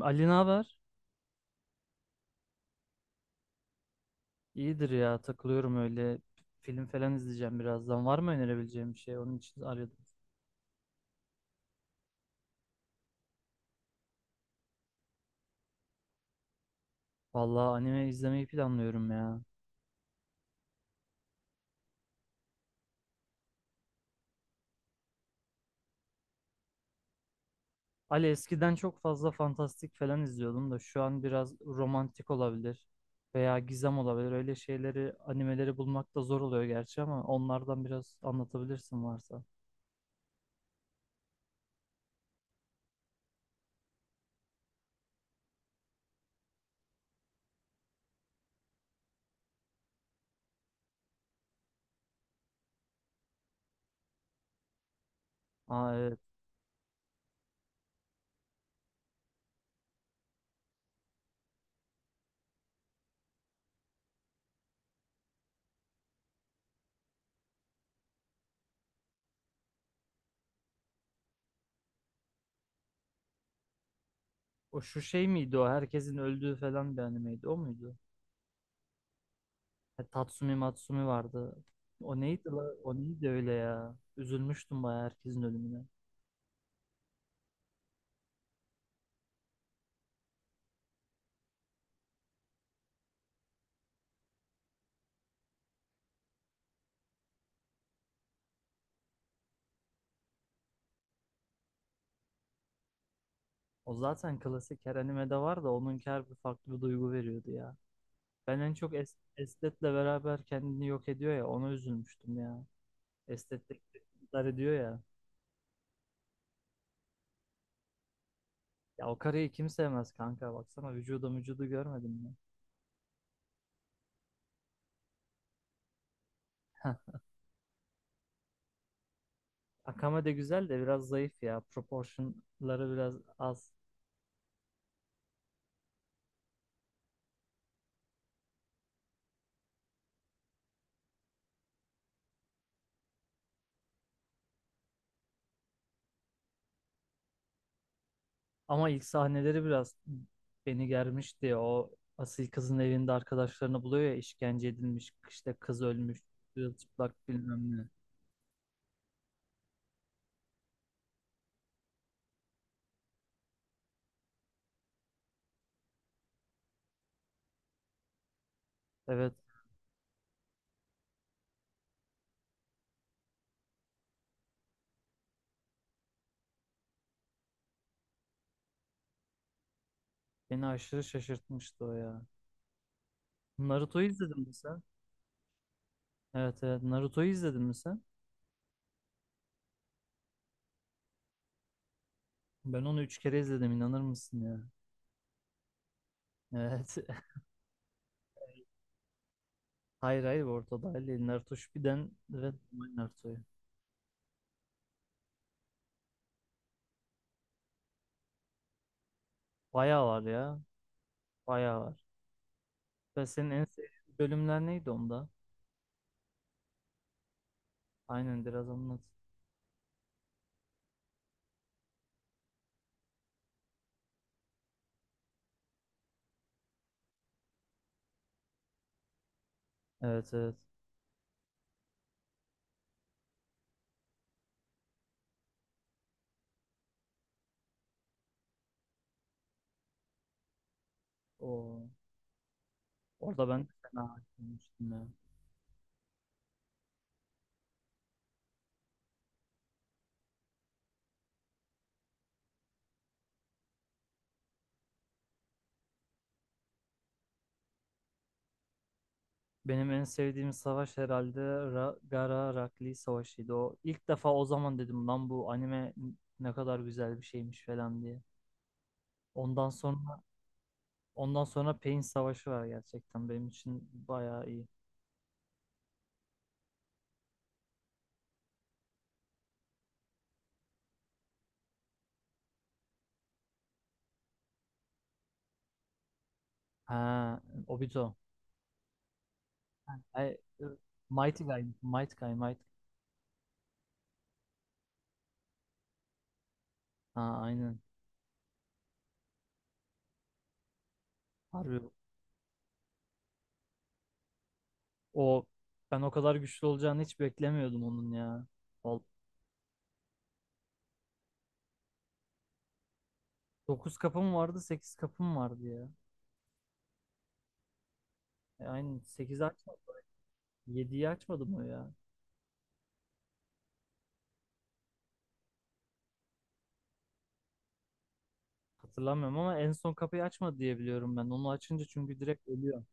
Ali, ne haber? İyidir ya, takılıyorum öyle. Film falan izleyeceğim birazdan. Var mı önerebileceğim bir şey? Onun için arıyordum. Vallahi anime izlemeyi planlıyorum ya. Ali, eskiden çok fazla fantastik falan izliyordum da şu an biraz romantik olabilir veya gizem olabilir. Öyle şeyleri, animeleri bulmak da zor oluyor gerçi ama onlardan biraz anlatabilirsin varsa. Aa, evet. O şu şey miydi o? Herkesin öldüğü falan bir animeydi. O muydu? Tatsumi Matsumi vardı. O neydi la? O neydi öyle ya? Üzülmüştüm bayağı herkesin ölümüne. O zaten klasik her animede var da onunki her bir farklı bir duygu veriyordu ya. Ben en çok Estet'le beraber kendini yok ediyor ya, ona üzülmüştüm ya. Estet de intihar ediyor ya. Ya o karıyı kim sevmez kanka, baksana vücuda vücudu görmedim mi? Akame de güzel de biraz zayıf ya. Proportionları biraz az. Ama ilk sahneleri biraz beni germişti. O asil kızın evinde arkadaşlarını buluyor ya, işkence edilmiş, işte kız ölmüş, çıplak bilmem ne. Evet, beni aşırı şaşırtmıştı o ya. Naruto'yu izledin mi sen? Evet, evet, Naruto'yu izledin mi sen? Ben onu üç kere izledim, inanır mısın ya? Evet. Hayır, hayır, ortada değil. Naruto Shippuden ve normal Naruto'yu. Bayağı var ya, bayağı var. Ve senin en sevdiğin bölümler neydi onda? Aynen, biraz anlat. Evet, evet. O. Orada ben de fena olmuştum ya. Benim en sevdiğim savaş herhalde Gaara Rakli Savaşı'ydı. O ilk defa o zaman dedim lan bu anime ne kadar güzel bir şeymiş falan diye. Ondan sonra ondan sonra Pain Savaşı var, gerçekten benim için bayağı iyi. Ha, Obito. Ha, Mighty Guy, Mighty Guy, Mighty. Ha, aynen. Harbi o, ben o kadar güçlü olacağını hiç beklemiyordum onun ya. Dokuz kapım vardı, 8 kapım vardı ya. Aynen 8 aç. 7'yi açmadı mı o ya? Hatırlamıyorum ama en son kapıyı açmadı diye biliyorum ben. Onu açınca çünkü direkt ölüyor.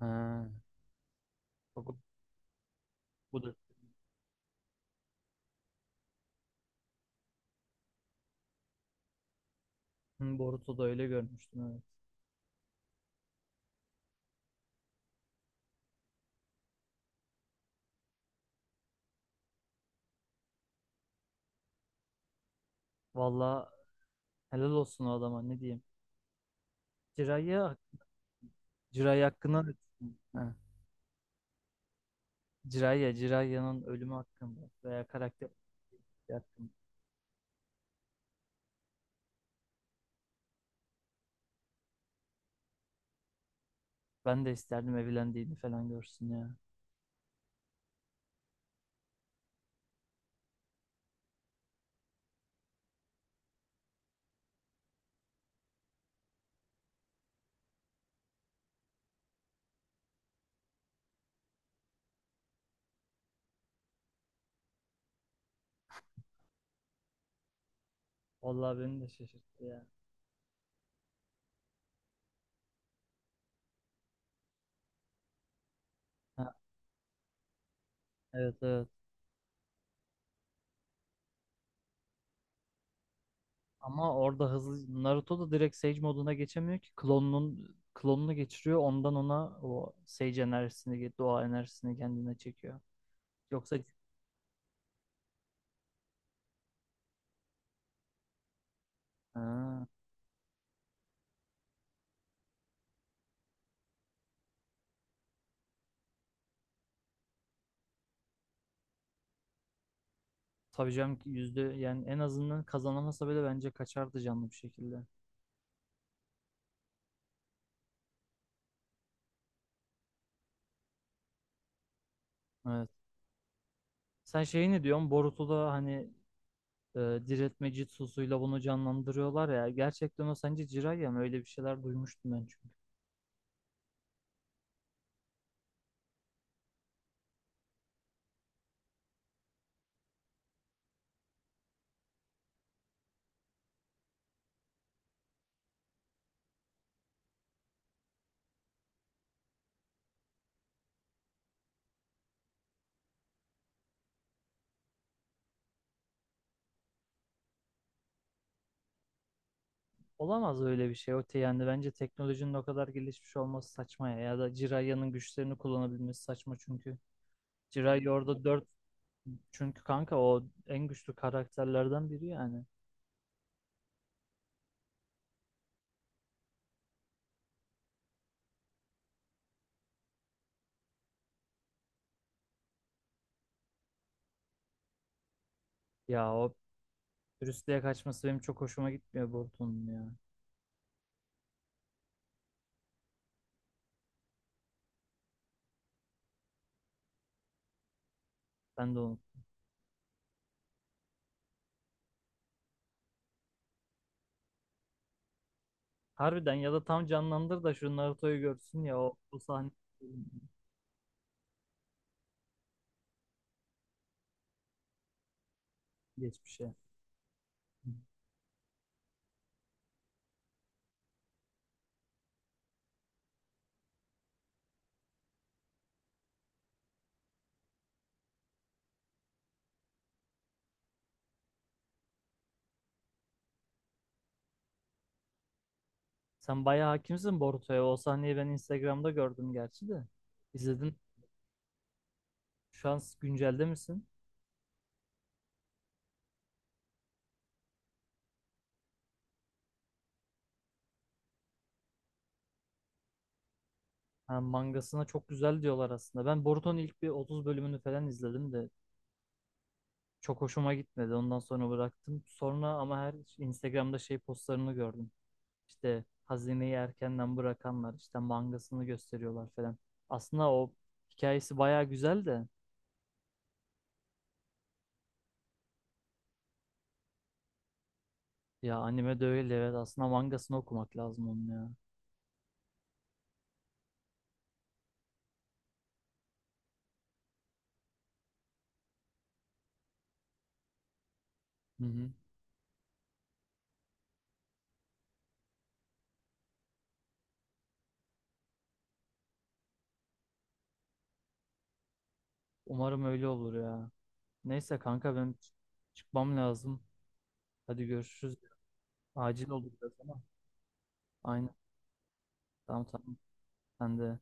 Ha. Bak, bu da. Hı, Boruto'da öyle görmüştüm, evet. Valla, helal olsun o adama, ne diyeyim. Jiraiya, Jiraiya hakkında, ha. Jiraiya'nın ölümü hakkında veya karakter hakkında. Ben de isterdim evlendiğini falan görsün ya. Vallahi beni de şaşırttı ya. Ha, evet, evet. Ama orada hızlı Naruto da direkt Sage moduna geçemiyor ki klonunun klonunu geçiriyor, ondan ona o Sage enerjisini, doğa enerjisini kendine çekiyor. Yoksa ha, tabii canım ki, yüzde yani en azından kazanamasa bile bence kaçardı canlı bir şekilde. Evet. Sen şeyi ne diyorsun? Boruto'da hani e, diriltme jutsusuyla bunu canlandırıyorlar ya. Gerçekten o sence Jiraiya mı? Öyle bir şeyler duymuştum ben çünkü. Olamaz öyle bir şey Öte, yani bence teknolojinin o kadar gelişmiş olması saçma ya, ya da Jiraiya'nın güçlerini kullanabilmesi saçma çünkü Jiraiya orada dört, çünkü kanka o en güçlü karakterlerden biri yani. Ya, o Brüssel'e kaçması benim çok hoşuma gitmiyor Boruto'nun ya. Ben de onu harbiden, ya da tam canlandır da şu Naruto'yu görsün ya, o sahne. Geçmişe. Sen bayağı hakimsin Boruto'ya, o sahneyi ben Instagram'da gördüm gerçi de. İzledin şu an güncelde misin? Ha, mangasına çok güzel diyorlar aslında. Ben Boruto'nun ilk bir 30 bölümünü falan izledim de çok hoşuma gitmedi. Ondan sonra bıraktım. Sonra ama her Instagram'da şey postlarını gördüm. İşte hazineyi erkenden bırakanlar işte mangasını gösteriyorlar falan. Aslında o hikayesi baya güzel de, ya anime de öyle, evet. Aslında mangasını okumak lazım onun ya. Hı hı. Umarım öyle olur ya. Neyse kanka, ben çıkmam lazım. Hadi görüşürüz. Acil oldu biraz ama. Aynen. Tamam, tamam. Sen de.